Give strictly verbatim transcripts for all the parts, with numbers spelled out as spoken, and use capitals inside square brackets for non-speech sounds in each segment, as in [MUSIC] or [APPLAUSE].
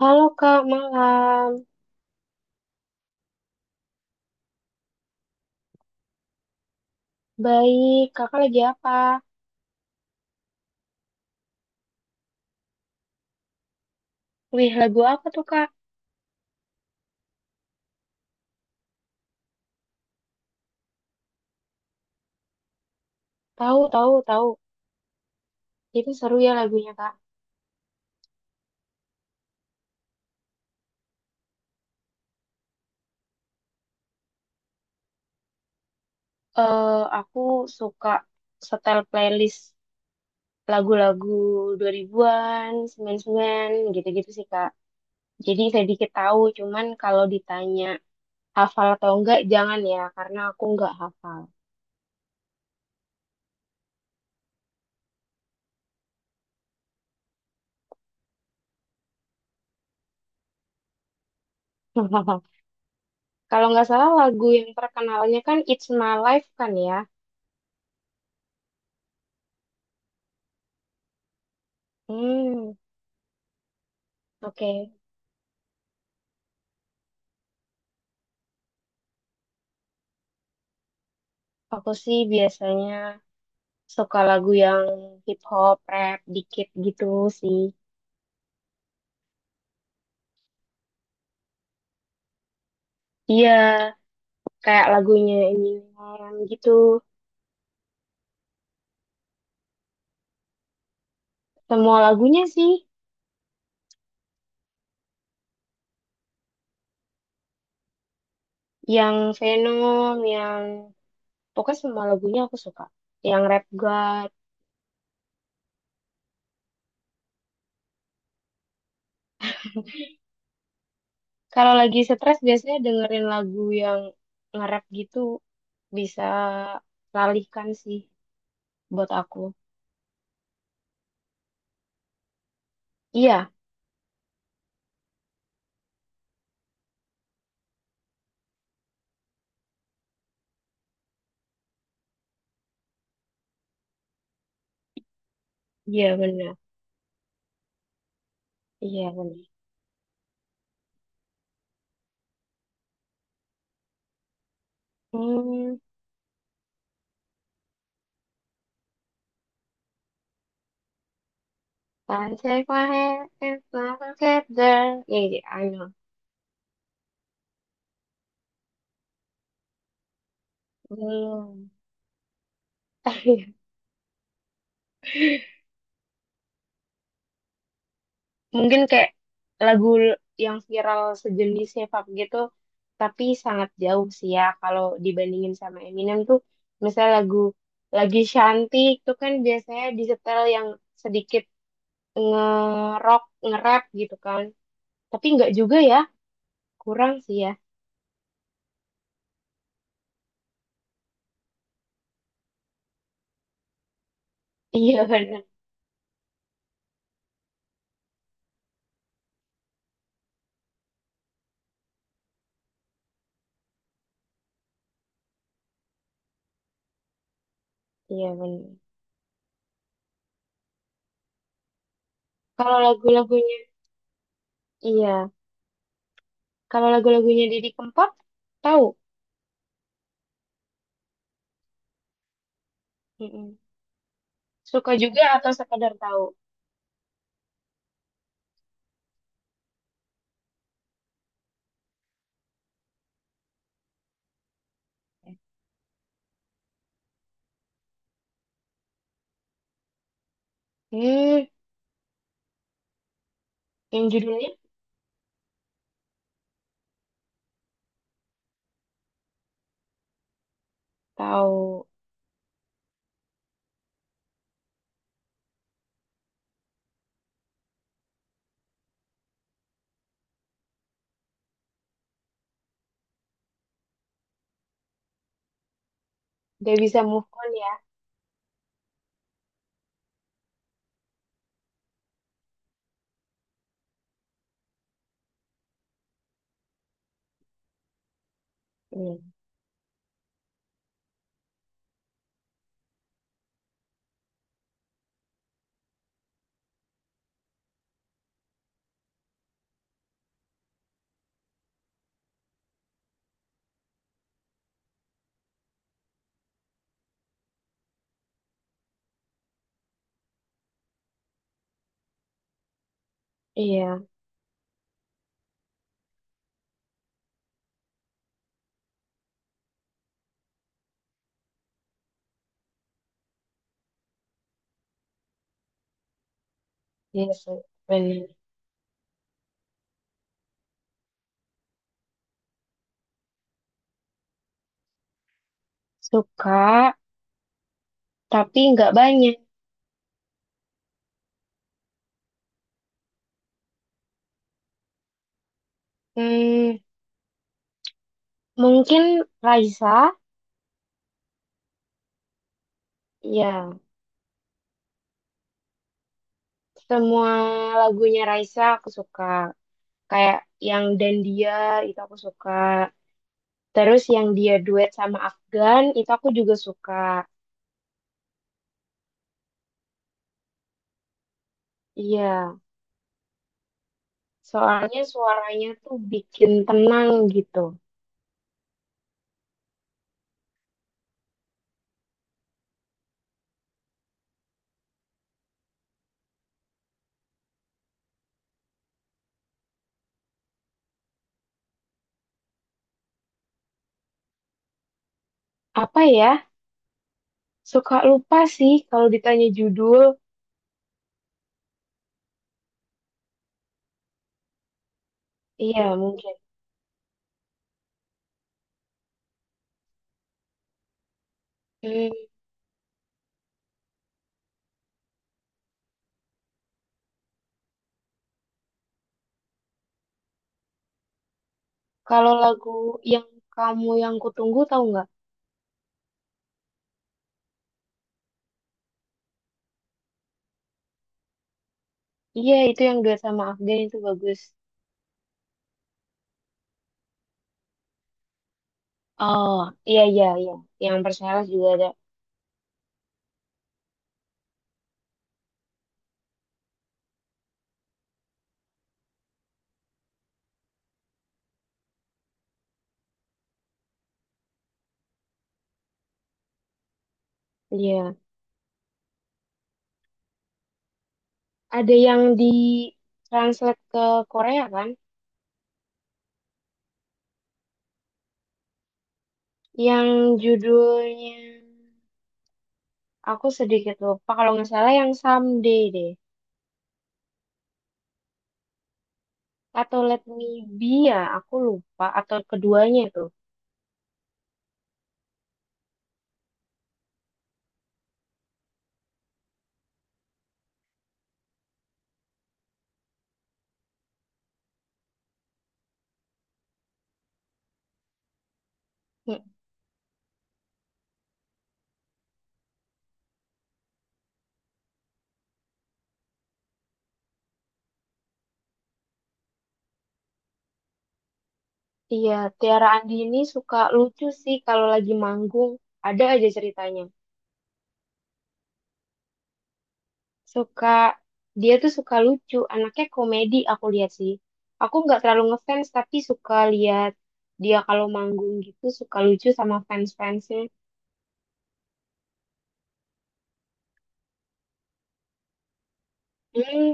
Halo Kak, malam. Baik, Kakak lagi apa? Wih, lagu apa tuh Kak? Tahu, tahu, tahu. Itu seru ya lagunya Kak. Eh, aku suka setel playlist lagu-lagu dua ribuan an sembilan puluh sembilan, gitu-gitu sih Kak. Jadi sedikit tahu, cuman kalau ditanya hafal atau enggak, jangan ya, karena aku enggak hafal. [LAUGHS] Kalau nggak salah lagu yang terkenalnya kan It's My Life kan ya? Hmm, oke. Aku sih biasanya suka lagu yang hip hop, rap dikit gitu sih. Iya, kayak lagunya Eminem gitu. Semua lagunya sih, yang Venom, yang pokoknya semua lagunya aku suka. Yang Rap God. Kalau lagi stres biasanya dengerin lagu yang nge-rap gitu bisa teralihkan sih buat aku. Iya, iya benar. Iya benar. Hmm, Sunshine my head is like a feather. Iya, iya, I know. Belum. [LAUGHS] Mungkin kayak lagu yang viral sejenis hip hop gitu, tapi sangat jauh sih ya kalau dibandingin sama Eminem tuh, misalnya lagu lagi cantik tuh kan biasanya disetel yang sedikit nge-rock, nge-rap gitu kan. Tapi nggak juga ya, kurang sih ya. [LAUGHS] Iya benar. Iya benar. Kalau lagu-lagunya, iya. Kalau lagu-lagunya Didi Kempot, tahu? Mm-mm. Suka juga atau sekadar tahu? Hmm. Yang judulnya tahu, gak bisa move on ya. Hmm. Iya, iya sih, bener. Suka, tapi nggak banyak. Hmm, mungkin Raisa, ya. Semua lagunya Raisa aku suka. Kayak yang Dan Dia, itu aku suka. Terus yang dia duet sama Afgan, itu aku juga suka. Iya, soalnya suaranya tuh bikin tenang gitu. Apa ya? Suka lupa sih kalau ditanya judul. Iya, mungkin. Hmm, kalau lagu yang kamu yang kutunggu tahu nggak? Iya, itu yang duet sama Afgan itu bagus. Oh, iya iya iya. Yang Persela juga ada. Iya. Ada yang di translate ke Korea kan? Yang judulnya aku sedikit lupa kalau nggak salah yang Someday deh. Atau Let Me Be ya, aku lupa atau keduanya itu. Hmm. Iya. Tiara Andini suka lucu sih kalau lagi manggung. Ada aja ceritanya. Suka, dia tuh suka lucu, anaknya komedi aku lihat sih. Aku nggak terlalu ngefans tapi suka lihat dia kalau manggung gitu suka lucu sama fans-fansnya. Hmm,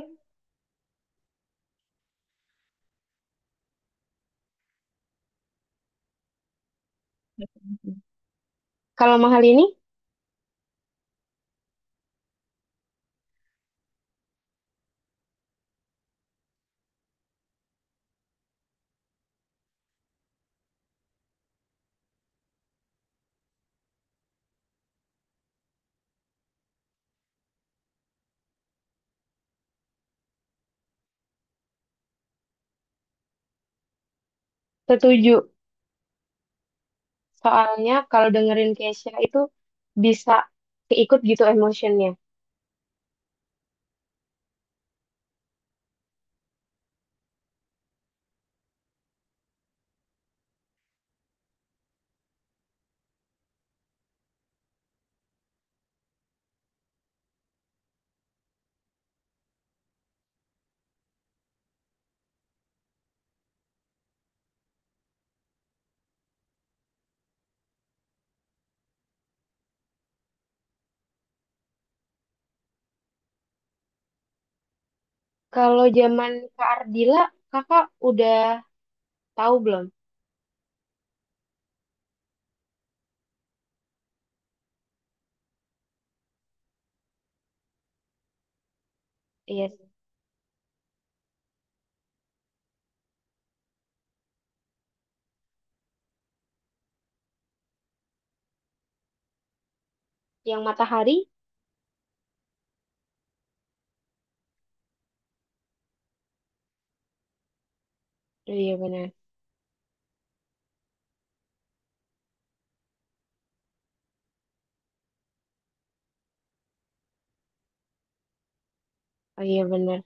kalau mahal ini setuju. Soalnya kalau dengerin Kesha itu bisa keikut gitu emotionnya. Kalau zaman Kak Ardila, kakak udah tahu belum? Iya. Yang Matahari? Oh iya benar. Oh iya benar.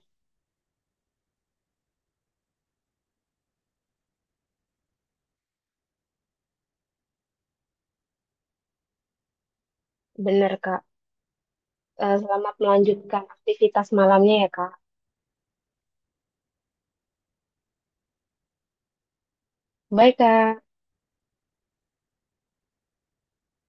Benar Kak. Eh, selamat melanjutkan aktivitas malamnya ya, Kak. Bye, Kak.